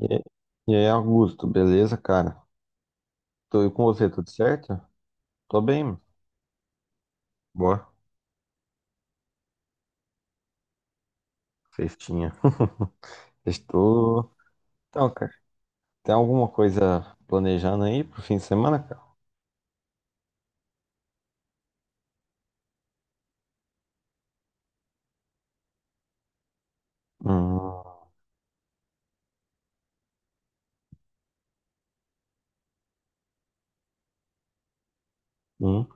E aí, e aí, Augusto, beleza, cara? Tô aí com você, tudo certo? Tô bem, mano. Boa, festinha. Estou. Então, cara, tem alguma coisa planejando aí pro fim de semana, cara? Hum, hum.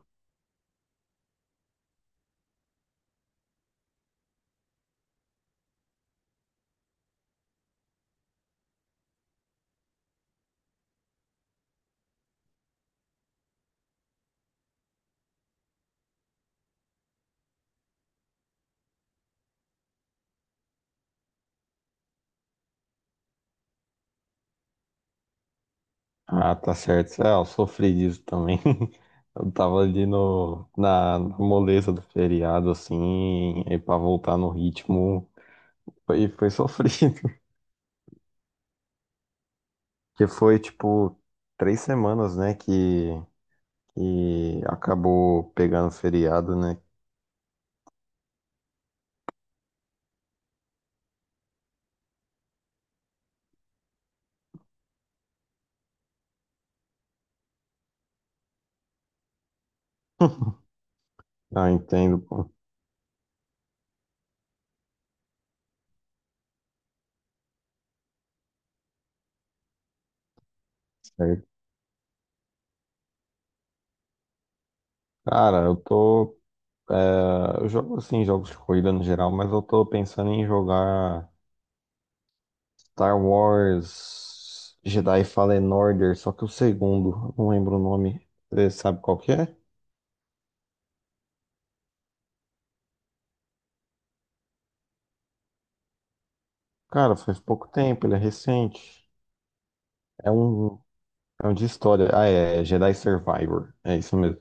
Ah, tá certo. Ah, eu sofri disso também. Eu tava ali no, na, na moleza do feriado, assim, e pra voltar no ritmo, foi sofrido. Que foi, tipo, 3 semanas, né, que acabou pegando feriado, né? Ah, entendo, pô. Certo. Cara, eu tô. É, eu jogo assim, jogos de corrida no geral, mas eu tô pensando em jogar Star Wars Jedi Fallen Order, só que o segundo, eu não lembro o nome. Você sabe qual que é? Cara, faz pouco tempo, ele é recente. É um, é um de história. Ah, é Jedi Survivor. É isso mesmo.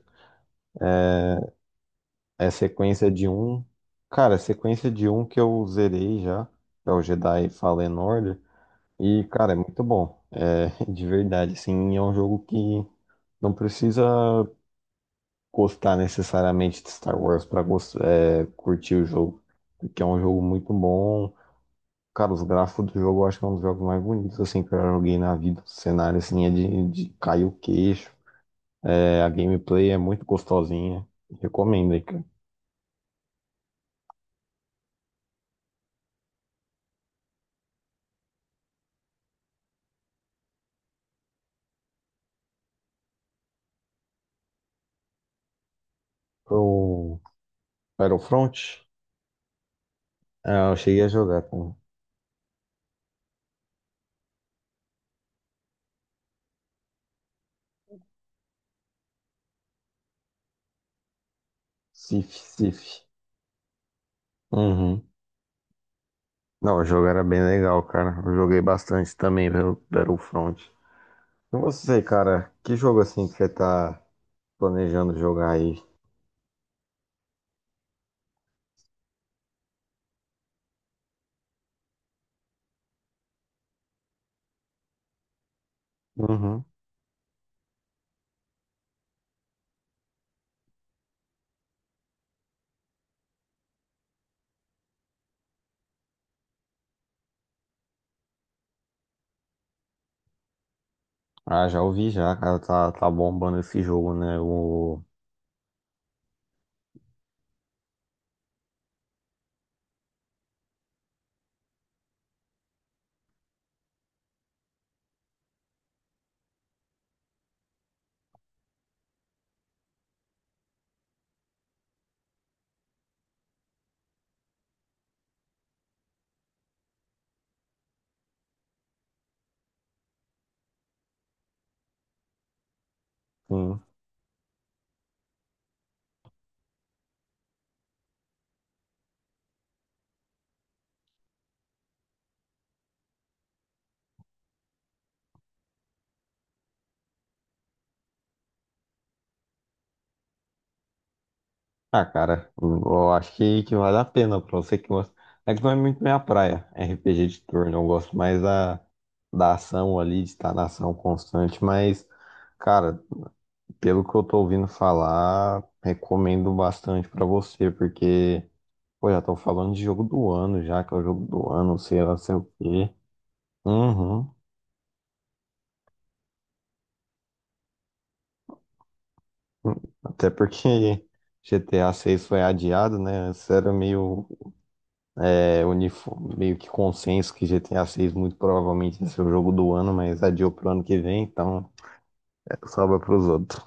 É sequência de um. Cara, é sequência de um que eu zerei já, que é o Jedi Fallen Order. E, cara, é muito bom. É, de verdade, assim, é um jogo que não precisa gostar necessariamente de Star Wars para curtir o jogo, porque é um jogo muito bom. Cara, os gráficos do jogo eu acho que é um dos jogos mais bonitos assim que eu já joguei na vida. O cenário assim é de cair o queixo. É, a gameplay é muito gostosinha. Recomendo aí, cara. Pro Battlefront, é, eu cheguei a jogar com Sif, Sif. Uhum. Não, o jogo era bem legal, cara. Eu joguei bastante também pelo Battlefront. E você, cara, que jogo assim que você tá planejando jogar aí? Uhum. Ah, já ouvi já, cara. Tá bombando esse jogo, né? O. Sim. Ah, cara, eu acho que vale a pena pra você que gosta. É que não é muito minha praia, RPG de turno. Eu gosto mais da ação ali, de estar na ação constante. Mas, cara, pelo que eu tô ouvindo falar, recomendo bastante pra você, porque. Pô, já estão falando de jogo do ano já, que é o jogo do ano, sei lá, sei o quê. Uhum. Até porque GTA 6 foi adiado, né? Antes era meio que consenso que GTA 6 muito provavelmente ia ser o jogo do ano, mas adiou pro ano que vem, então é, sobra pros outros.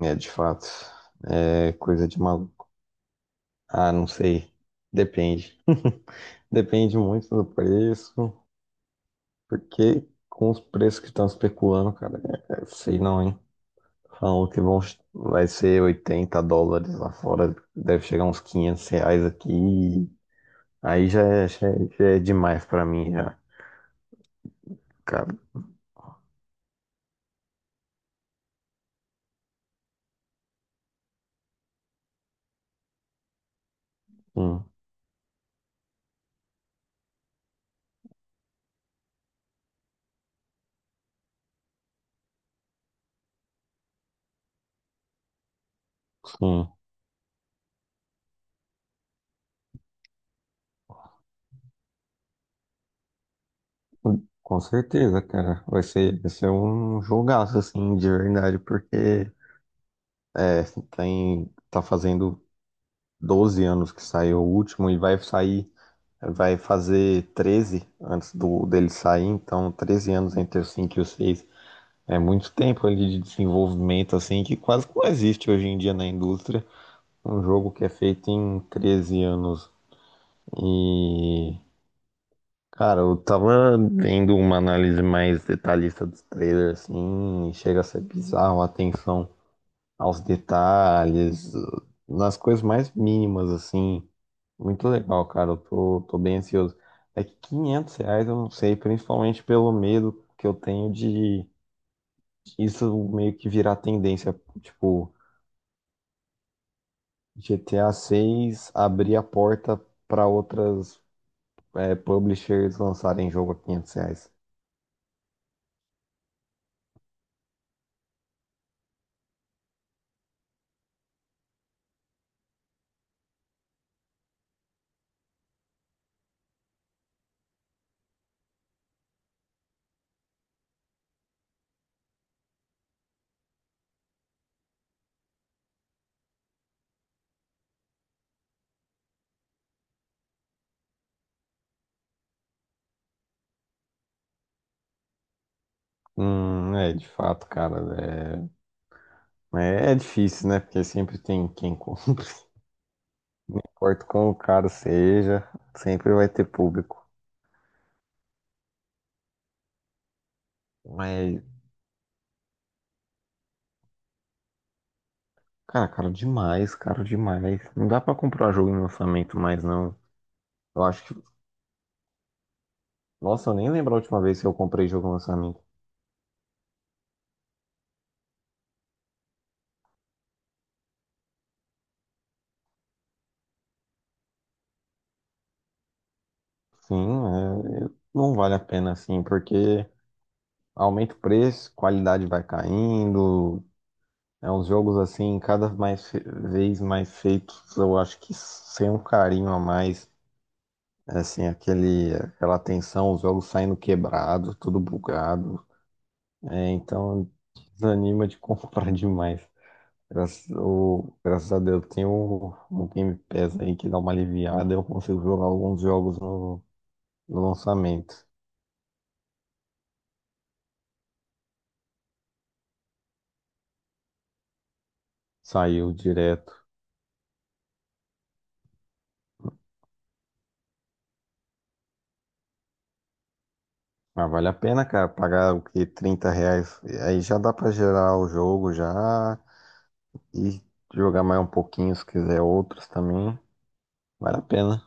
É, de fato. É coisa de maluco. Ah, não sei. Depende. Depende muito do preço, porque com os preços que estão especulando, cara, é, sei não, hein? Falam que vai ser US$ 80 lá fora, deve chegar uns R$ 500 aqui. Aí já é demais pra mim, já, cara. Sim, sim. Com certeza, cara. Vai ser um jogaço, assim, de verdade, porque é, tá fazendo 12 anos que saiu o último e vai sair, vai fazer 13 antes do dele sair, então 13 anos entre o 5 e o 6. É muito tempo ali de desenvolvimento assim que quase não existe hoje em dia na indústria. Um jogo que é feito em 13 anos. E, cara, eu tava vendo uma análise mais detalhista dos trailers, assim, e chega a ser bizarro a atenção aos detalhes, nas coisas mais mínimas, assim. Muito legal, cara. Eu tô bem ansioso. É que R$ 500 eu não sei, principalmente pelo medo que eu tenho de isso meio que virar tendência. Tipo, GTA 6 abrir a porta para outras publishers lançarem jogo a R$ 500. É, de fato, cara, é difícil, né? Porque sempre tem quem compre. Não importa quão caro seja, sempre vai ter público. Mas, cara, caro demais, caro demais. Não dá pra comprar jogo em lançamento mais, não. Eu acho que, nossa, eu nem lembro a última vez que eu comprei jogo em lançamento. Sim, é, não vale a pena, assim, porque aumenta o preço, qualidade vai caindo. É uns jogos assim, cada vez mais feitos, eu acho que sem um carinho a mais. É, assim, aquela tensão, os jogos saindo quebrados, tudo bugado. É, então desanima de comprar demais. Graças a Deus tem o Game Pass aí que dá uma aliviada, eu consigo jogar alguns jogos no lançamento. Saiu direto. Mas vale a pena, cara, pagar o que? R$ 30. Aí já dá pra gerar o jogo já e jogar mais um pouquinho se quiser outros também. Vale a pena.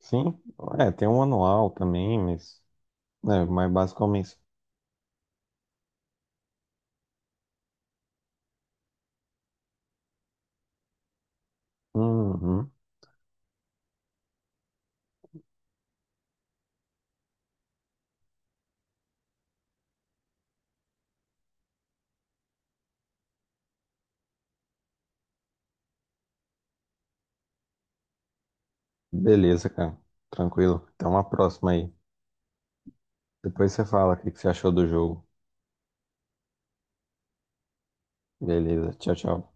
Sim, é, tem um anual também, mas é mais básico é o mês. Uhum. Beleza, cara. Tranquilo. Até uma próxima aí. Depois você fala o que que você achou do jogo. Beleza, tchau, tchau.